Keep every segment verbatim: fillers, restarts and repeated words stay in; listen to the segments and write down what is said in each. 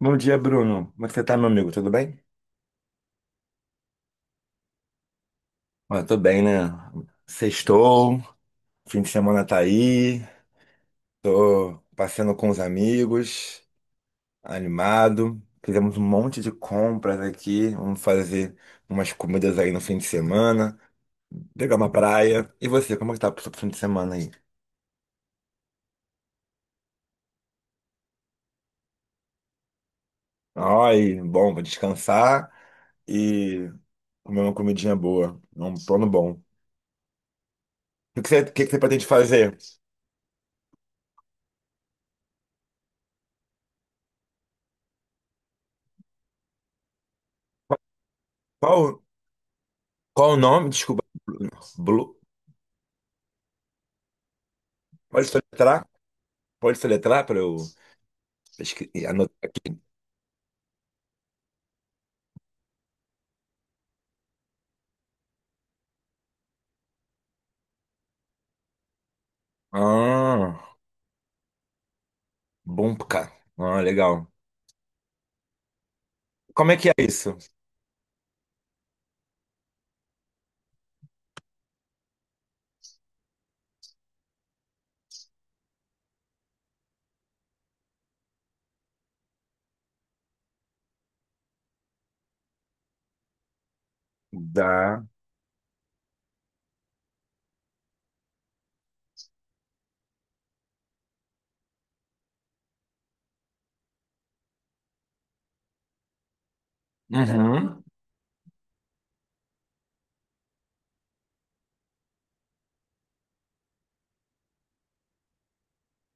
Bom dia, Bruno. Como é que você tá, meu amigo? Tudo bem? Olha, tô bem, né? Sextou, fim de semana tá aí, tô passeando com os amigos, animado. Fizemos um monte de compras aqui, vamos fazer umas comidas aí no fim de semana, pegar uma praia. E você, como é que tá pro seu fim de semana aí? Ai, bom, vou descansar e comer uma comidinha boa, um plano bom. O que que você, o que que você pretende fazer? Qual, qual o nome? Desculpa, Blue. Pode soletrar? Pode soletrar para eu escre- anotar aqui? Ah, bom, cara. Ah, legal. Como é que é isso? Dá. Uhum.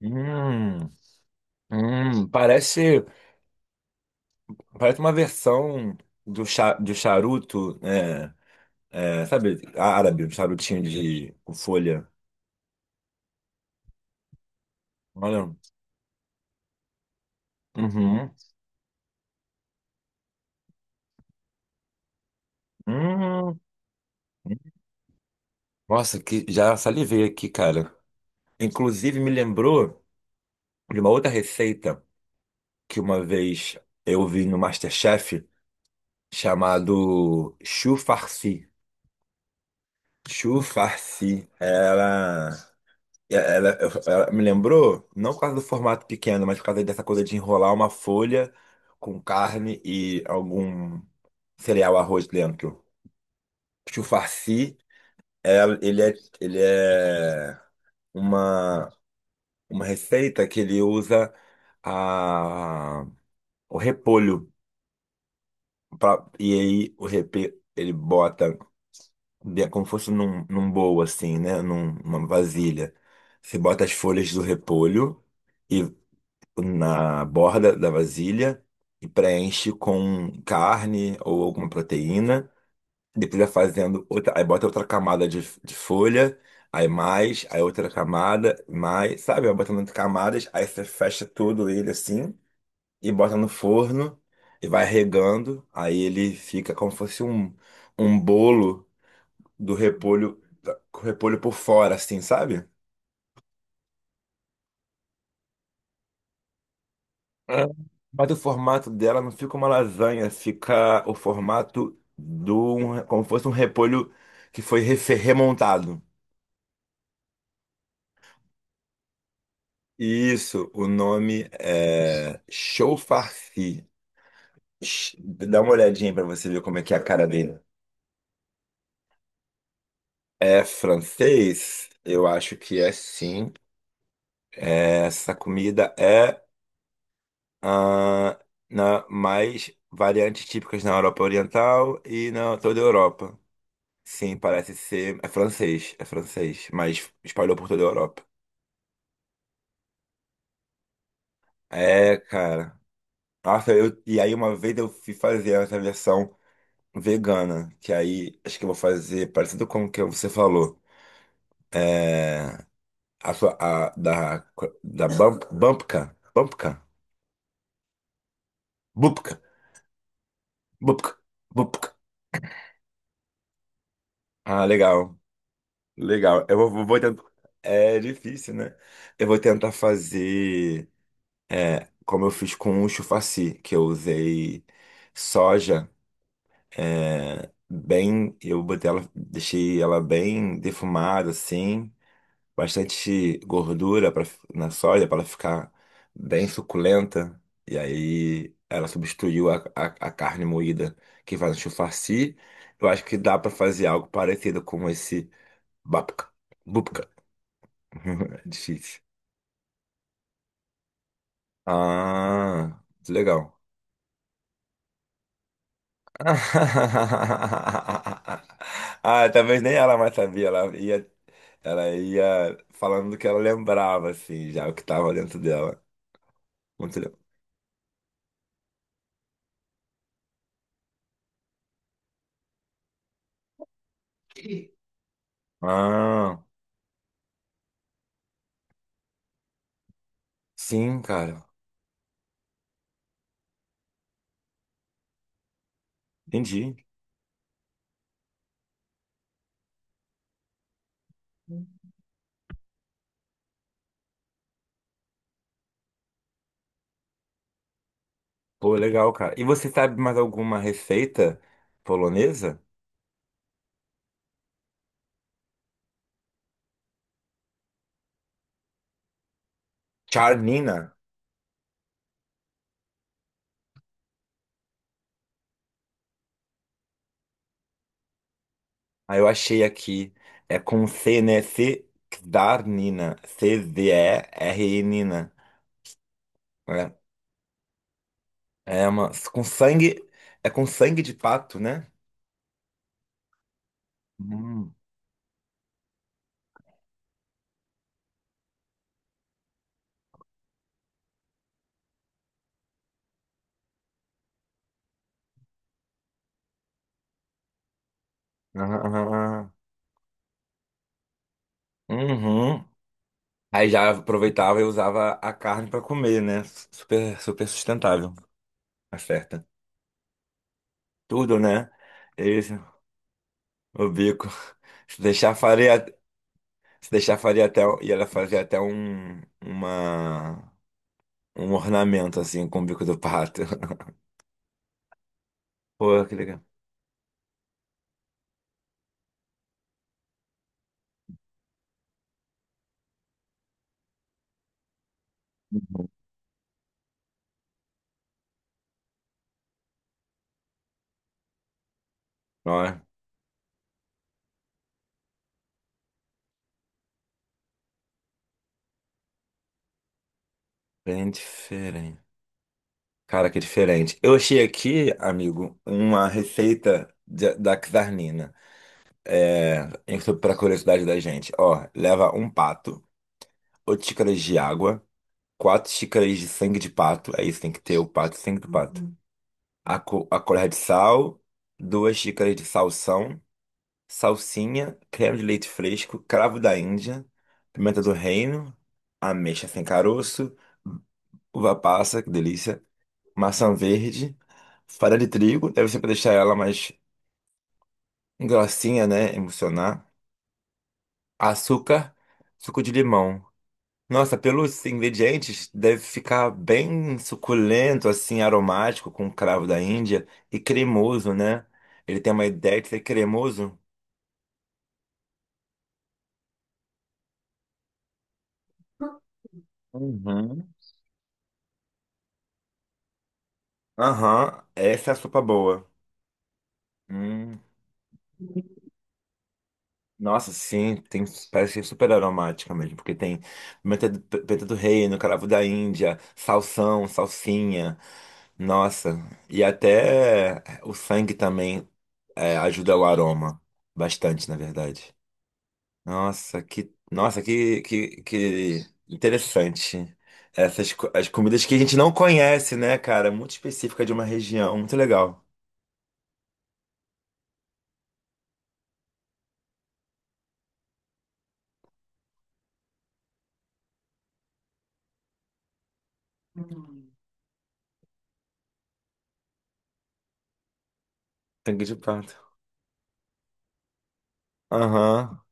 Hum, hum, parece, parece uma versão do, cha, do charuto, é, é, sabe, árabe, um charutinho de com folha. Olha. Uhum. Hum. Nossa, que já salivei aqui, cara. Inclusive me lembrou de uma outra receita que uma vez eu vi no MasterChef chamado Chu Farsi. Chu Farsi, ela, ela, ela me lembrou, não por causa do formato pequeno, mas por causa dessa coisa de enrolar uma folha com carne e algum cereal, arroz dentro. Chu Farsi, ela- ele é, ele é uma, uma receita que ele usa a, o repolho. Pra- e aí o repolho, ele bota de- como fosse num, num bowl, assim, né? Num- Numa vasilha. Você bota as folhas do repolho e na borda da vasilha e preenche com carne ou alguma proteína. Depois vai fazendo outra, aí bota outra camada de, de folha, aí mais, aí outra camada, mais, sabe? Vai botando camadas, aí você fecha todo ele assim e bota no forno e vai regando, aí ele fica como se fosse um, um bolo do repolho, da- com o repolho por fora, assim, sabe? Ah, mas o formato dela não fica uma lasanha, fica o formato do, um, como se fosse um repolho que foi refe- remontado. Isso, o nome é Chaufarci. Ch- Dá uma olhadinha pra você ver como é que é a cara dele. É francês? Eu acho que é sim. É, essa comida é ah, na, mais variantes típicas na Europa Oriental e na toda a Europa. Sim, parece ser. É francês, é francês, mas espalhou por toda a Europa. É, cara. Nossa, eu, e aí uma vez eu fui fazer essa versão vegana, que aí acho que eu vou fazer parecido com o que você falou. É, a sua, a, da, da Bump, Bumpka, Bumpka, Bupka, Bupka, Bupka. Ah, legal. Legal. Eu vou, vou tentar. É difícil, né? Eu vou tentar fazer como eu fiz com o chufaci, que eu usei soja, é, bem. Eu botei ela, deixei ela bem defumada, assim, bastante gordura pra, na soja para ela ficar bem suculenta. E aí ela substituiu a, a, a carne moída que faz no chufaci. Eu acho que dá para fazer algo parecido com esse babka. É difícil. Ah, legal. Ah, talvez nem ela mais sabia. Ela ia, ela ia falando do que ela lembrava, assim, já o que tava dentro dela. Muito legal. Ah, sim, cara. Entendi. Pô, legal, cara. E você sabe mais alguma receita polonesa? Czarnina. Ah, eu achei aqui. É com C, né? C, Czarnina. C Z E R nina. É, mano, com sangue. É com sangue de pato, né? Hum. Aham, aham, aham. Uhum. Aí já aproveitava e usava a carne pra comer, né? Super, super sustentável. Acerta. Tudo, né? Esse, o bico. Se deixar faria, se deixar faria até, e ela fazia até um, uma, um ornamento assim com o bico do pato. Pô, que legal. Ó, bem diferente. Cara, que diferente. Eu achei aqui, amigo, uma receita de- da Czarnina. É, para curiosidade da gente. Ó, leva um pato, oito xícaras de água, quatro xícaras de sangue de pato. É isso, tem que ter o pato, sangue do pato. Uhum. A, co- a colher de sal, duas xícaras de salsão, salsinha, creme de leite fresco, cravo da Índia, pimenta do reino, ameixa sem caroço, uva passa, que delícia. Maçã verde, farinha de trigo, deve ser para deixar ela mais grossinha, né? Emulsionar. Açúcar, suco de limão. Nossa, pelos ingredientes, deve ficar bem suculento, assim, aromático, com cravo da Índia e cremoso, né? Ele tem uma ideia de ser cremoso. Uhum. Aham, essa é a sopa boa. Hum, nossa, sim, tem, parece que é super aromática mesmo, porque tem pimenta do, pimenta do reino, cravo da Índia, salsão, salsinha. Nossa, e até o sangue também é, ajuda o aroma. Bastante, na verdade. Nossa, que, nossa, que, que, que interessante. Essas co- as comidas que a gente não conhece, né, cara? Muito específica de uma região. Muito legal. Sangue de pato. Aham.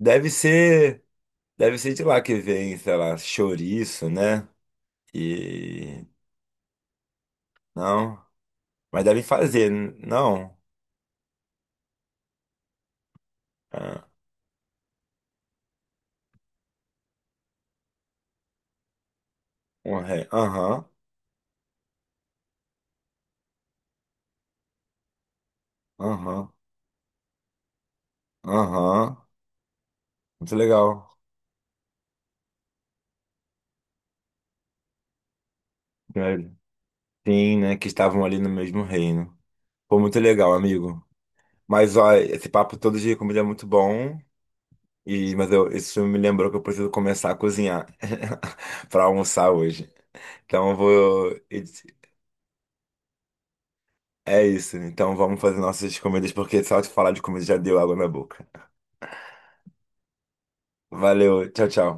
Deve ser, deve ser de lá que vem, sei lá, chouriço, né? E não, mas devem fazer, n- não? Ah, um ré. Aham. Aham. Aham. Muito legal. Né? Sim, né? Que estavam ali no mesmo reino. Foi muito legal, amigo. Mas, ó, esse papo todo de comida é muito bom. E, mas eu, isso me lembrou que eu preciso começar a cozinhar para almoçar hoje. Então eu vou. É isso. Então vamos fazer nossas comidas, porque só de falar de comida já deu água na boca. Valeu, tchau, tchau.